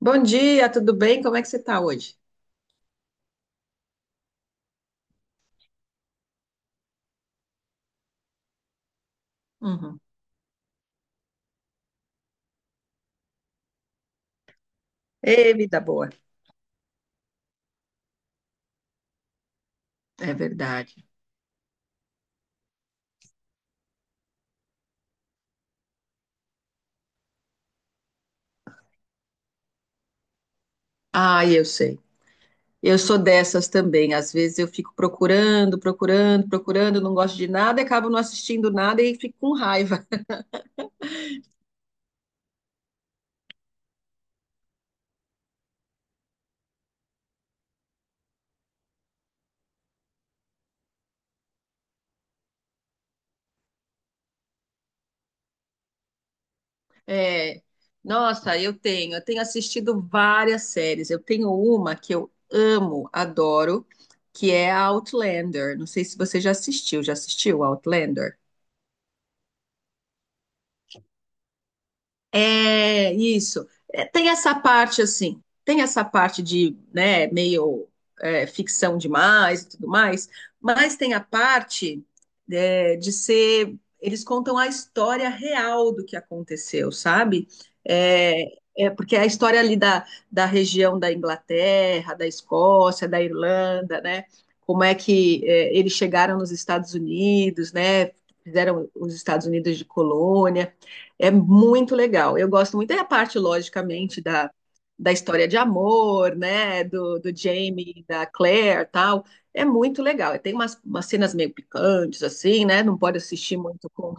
Bom dia, tudo bem? Como é que você está hoje? Uhum. Ei, vida boa. É verdade. Ah, eu sei. Eu sou dessas também. Às vezes eu fico procurando, procurando, procurando, não gosto de nada, e acabo não assistindo nada e fico com raiva. É. Nossa, eu tenho assistido várias séries. Eu tenho uma que eu amo, adoro, que é a Outlander. Não sei se você já assistiu. Já assistiu Outlander? É isso. É, tem essa parte assim, tem essa parte de, né, meio ficção demais e tudo mais, mas tem a parte de ser, eles contam a história real do que aconteceu, sabe? É, é porque é a história ali da região da Inglaterra, da Escócia, da Irlanda, né? Como é que é, eles chegaram nos Estados Unidos, né? Fizeram os Estados Unidos de colônia. É muito legal. Eu gosto muito da parte, logicamente, da história de amor, né? Do Jamie, da Claire, tal. É muito legal. Tem umas cenas meio picantes, assim, né? Não pode assistir muito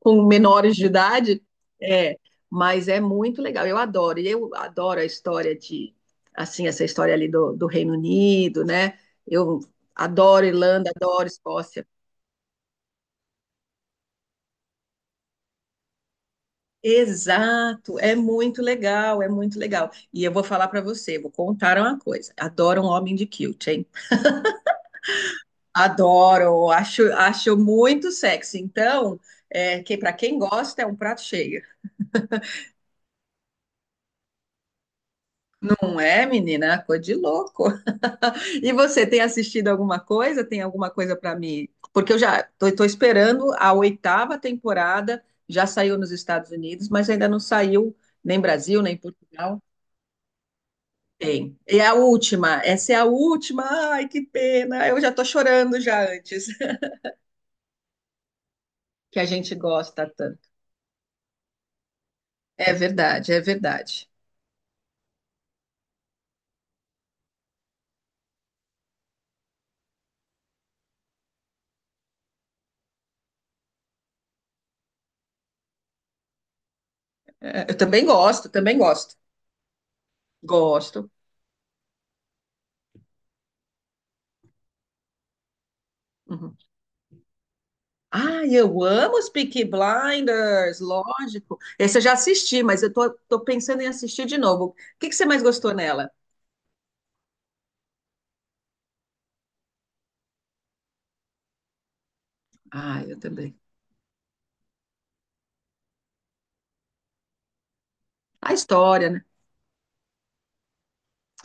com menores de idade. É, mas é muito legal. Eu adoro. E eu adoro a história de, assim, essa história ali do Reino Unido, né? Eu adoro Irlanda, adoro Escócia. Exato, é muito legal, é muito legal. E eu vou falar para você, vou contar uma coisa. Adoro um homem de quilt, hein? Adoro, acho muito sexy. Então, que para quem gosta é um prato cheio. Não é, menina? Coisa de louco. E você tem assistido alguma coisa? Tem alguma coisa para mim? Porque eu já tô esperando a oitava temporada, já saiu nos Estados Unidos, mas ainda não saiu nem Brasil, nem Portugal. Tem. E a última, essa é a última. Ai, que pena. Eu já tô chorando já antes. Que a gente gosta tanto. É verdade, é verdade. É, eu também gosto, também gosto. Gosto. Uhum. Ai, eu amo os Peaky Blinders, lógico. Esse eu já assisti, mas eu tô pensando em assistir de novo. O que que você mais gostou nela? Ai, eu também. A história, né?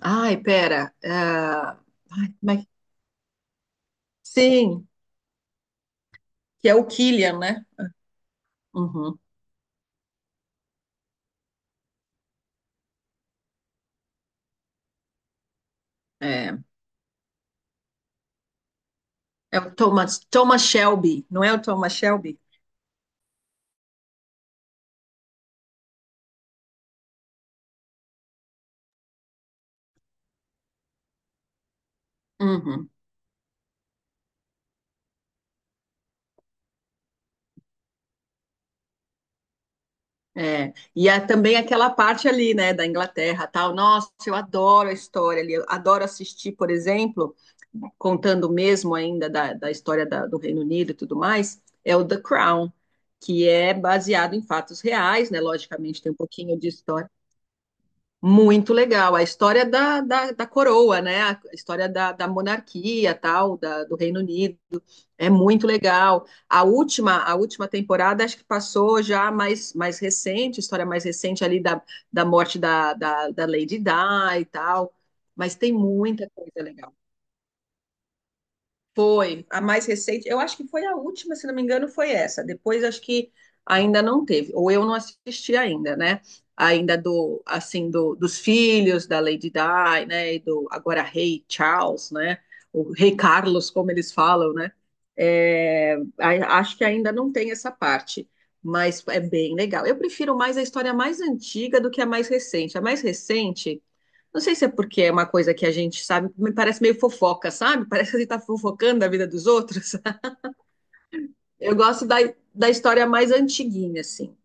Ai, pera. Ai, como é que- Sim, que é o Killian, né? Uhum. É. É o Thomas, Thomas Shelby, não é o Thomas Shelby? Uhum, é. E é também aquela parte ali, né, da Inglaterra, tal. Nossa, eu adoro a história ali, eu adoro assistir, por exemplo, contando mesmo ainda da história da- do Reino Unido e tudo mais, é o The Crown, que é baseado em fatos reais, né? Logicamente tem um pouquinho de história. Muito legal. A história da coroa, né? A história da monarquia, tal, da, do Reino Unido. É muito legal. A última temporada, acho que passou já mais, mais recente, história mais recente ali da morte da Lady Di e tal. Mas tem muita coisa legal. Foi a mais recente, eu acho que foi a última, se não me engano, foi essa. Depois acho que ainda não teve, ou eu não assisti ainda, né? Ainda do assim do, dos filhos da Lady Di, né? E do agora Rei Charles, né? O Rei Carlos, como eles falam, né? É, a- acho que ainda não tem essa parte, mas é bem legal. Eu prefiro mais a história mais antiga do que a mais recente. A mais recente não sei se é porque é uma coisa que a gente sabe, me parece meio fofoca, sabe? Parece que a gente tá fofocando a vida dos outros. Sabe? Eu gosto da, da história mais antiguinha, assim.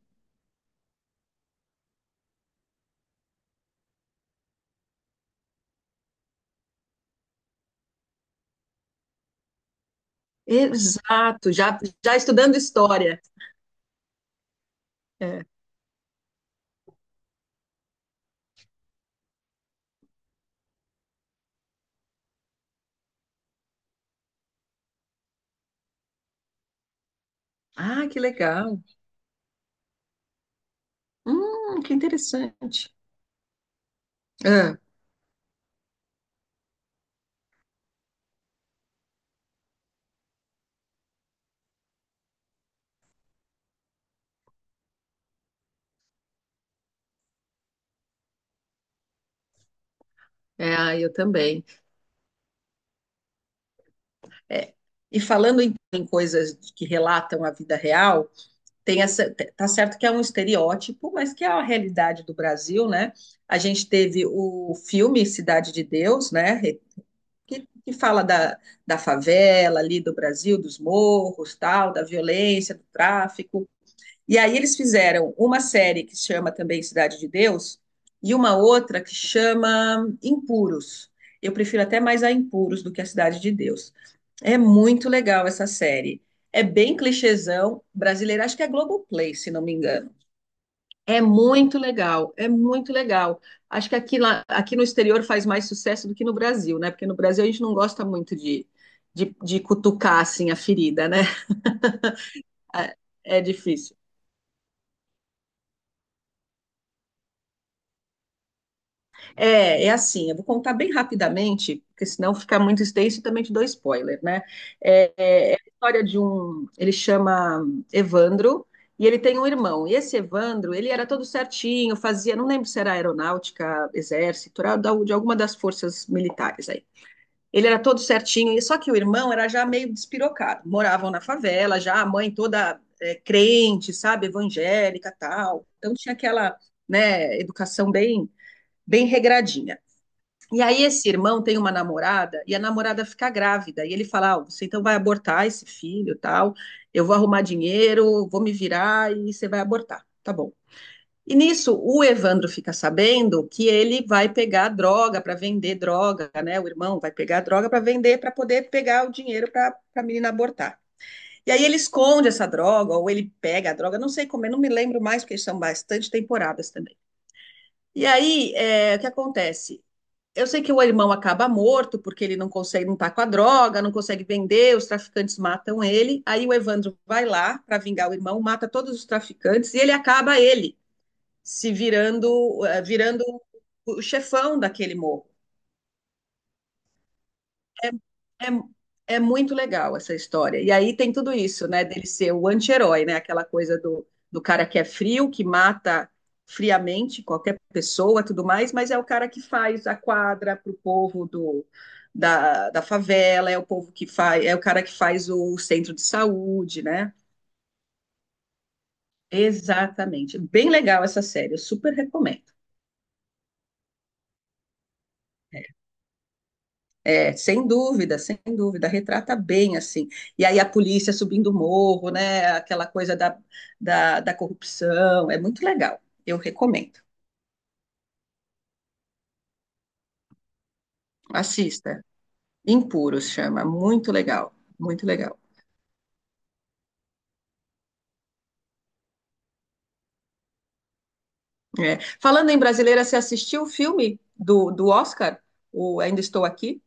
Exato, já estudando história. É. Ah, que legal. Que interessante. Ah, é, ah, eu também. É. E falando em, em coisas que relatam a vida real, tem essa, te- tá certo que é um estereótipo, mas que é a realidade do Brasil, né? A gente teve o filme Cidade de Deus, né? Que fala da, da favela ali do Brasil, dos morros, tal, da violência, do tráfico. E aí eles fizeram uma série que chama também Cidade de Deus e uma outra que chama Impuros. Eu prefiro até mais a Impuros do que a Cidade de Deus. É muito legal essa série. É bem clichêzão brasileiro, acho que é Globoplay, se não me engano. É muito legal, é muito legal. Acho que aqui, lá, aqui no exterior faz mais sucesso do que no Brasil, né? Porque no Brasil a gente não gosta muito de cutucar assim a ferida, né? É difícil. É, é assim, eu vou contar bem rapidamente, porque senão ficar muito extenso e também te dou spoiler, né? É, é a história de um. Ele chama Evandro e ele tem um irmão. E esse Evandro, ele era todo certinho, fazia, não lembro se era aeronáutica, exército, era da- de alguma das forças militares aí. Ele era todo certinho, e só que o irmão era já meio despirocado. Moravam na favela, já a mãe toda é, crente, sabe, evangélica, tal. Então tinha aquela, né, educação bem regradinha. E aí esse irmão tem uma namorada e a namorada fica grávida e ele fala: ah, "Você então vai abortar esse filho, tal. Eu vou arrumar dinheiro, vou me virar e você vai abortar". Tá bom. E nisso, o Evandro fica sabendo que ele vai pegar droga para vender droga, né? O irmão vai pegar droga para vender, para poder pegar o dinheiro para a menina abortar. E aí ele esconde essa droga, ou ele pega a droga, não sei como, eu não me lembro mais, porque são bastante temporadas também. E aí, é, o que acontece? Eu sei que o irmão acaba morto, porque ele não consegue, não tá com a droga, não consegue vender, os traficantes matam ele. Aí o Evandro vai lá para vingar o irmão, mata todos os traficantes e ele acaba ele se virando, virando o chefão daquele morro. É, é, é muito legal essa história. E aí tem tudo isso, né? Dele ser o anti-herói, né? Aquela coisa do, do cara que é frio, que mata friamente qualquer pessoa, tudo mais, mas é o cara que faz a quadra para o povo do, da, da favela, é o povo que faz, é o cara que faz o centro de saúde, né? Exatamente. Bem legal essa série, eu super recomendo. É, sem dúvida, sem dúvida, retrata bem assim. E aí a polícia subindo o morro, né? Aquela coisa da corrupção, é muito legal. Eu recomendo. Assista. Impuros chama, muito legal, muito legal. É. Falando em brasileira, você assistiu o filme do, do Oscar? O Ainda Estou Aqui?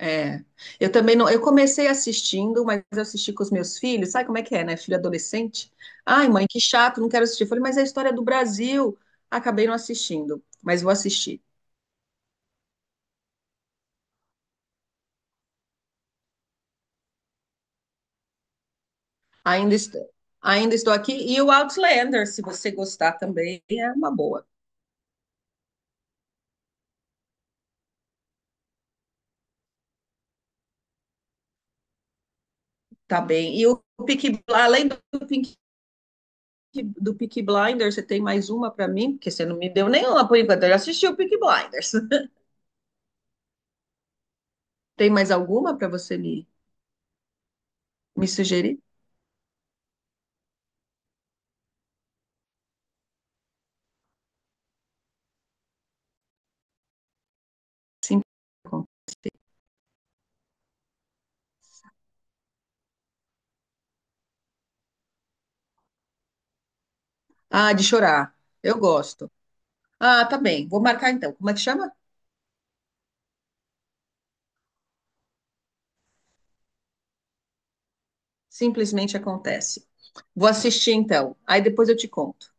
É, eu também não. Eu comecei assistindo, mas eu assisti com os meus filhos. Sabe como é que é, né? Filho adolescente. Ai, mãe, que chato, não quero assistir. Eu falei, mas é a história do Brasil. Acabei não assistindo, mas vou assistir. Ainda estou, ainda estou aqui. E o Outlander, se você gostar também, é uma boa. Tá bem. E o Peaky, além Peaky, do Peaky Blinders, você tem mais uma para mim? Porque você não me deu nenhuma por enquanto. Eu já assisti o Peaky Blinders. Tem mais alguma para você me, me sugerir? Sim. Ah, de chorar. Eu gosto. Ah, tá bem. Vou marcar então. Como é que chama? Simplesmente acontece. Vou assistir então. Aí depois eu te conto.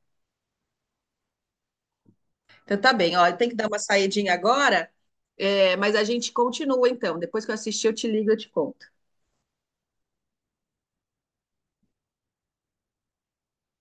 Então tá bem. Ó, eu tenho que dar uma saidinha agora, é, mas a gente continua então. Depois que eu assistir, eu te ligo e eu te conto.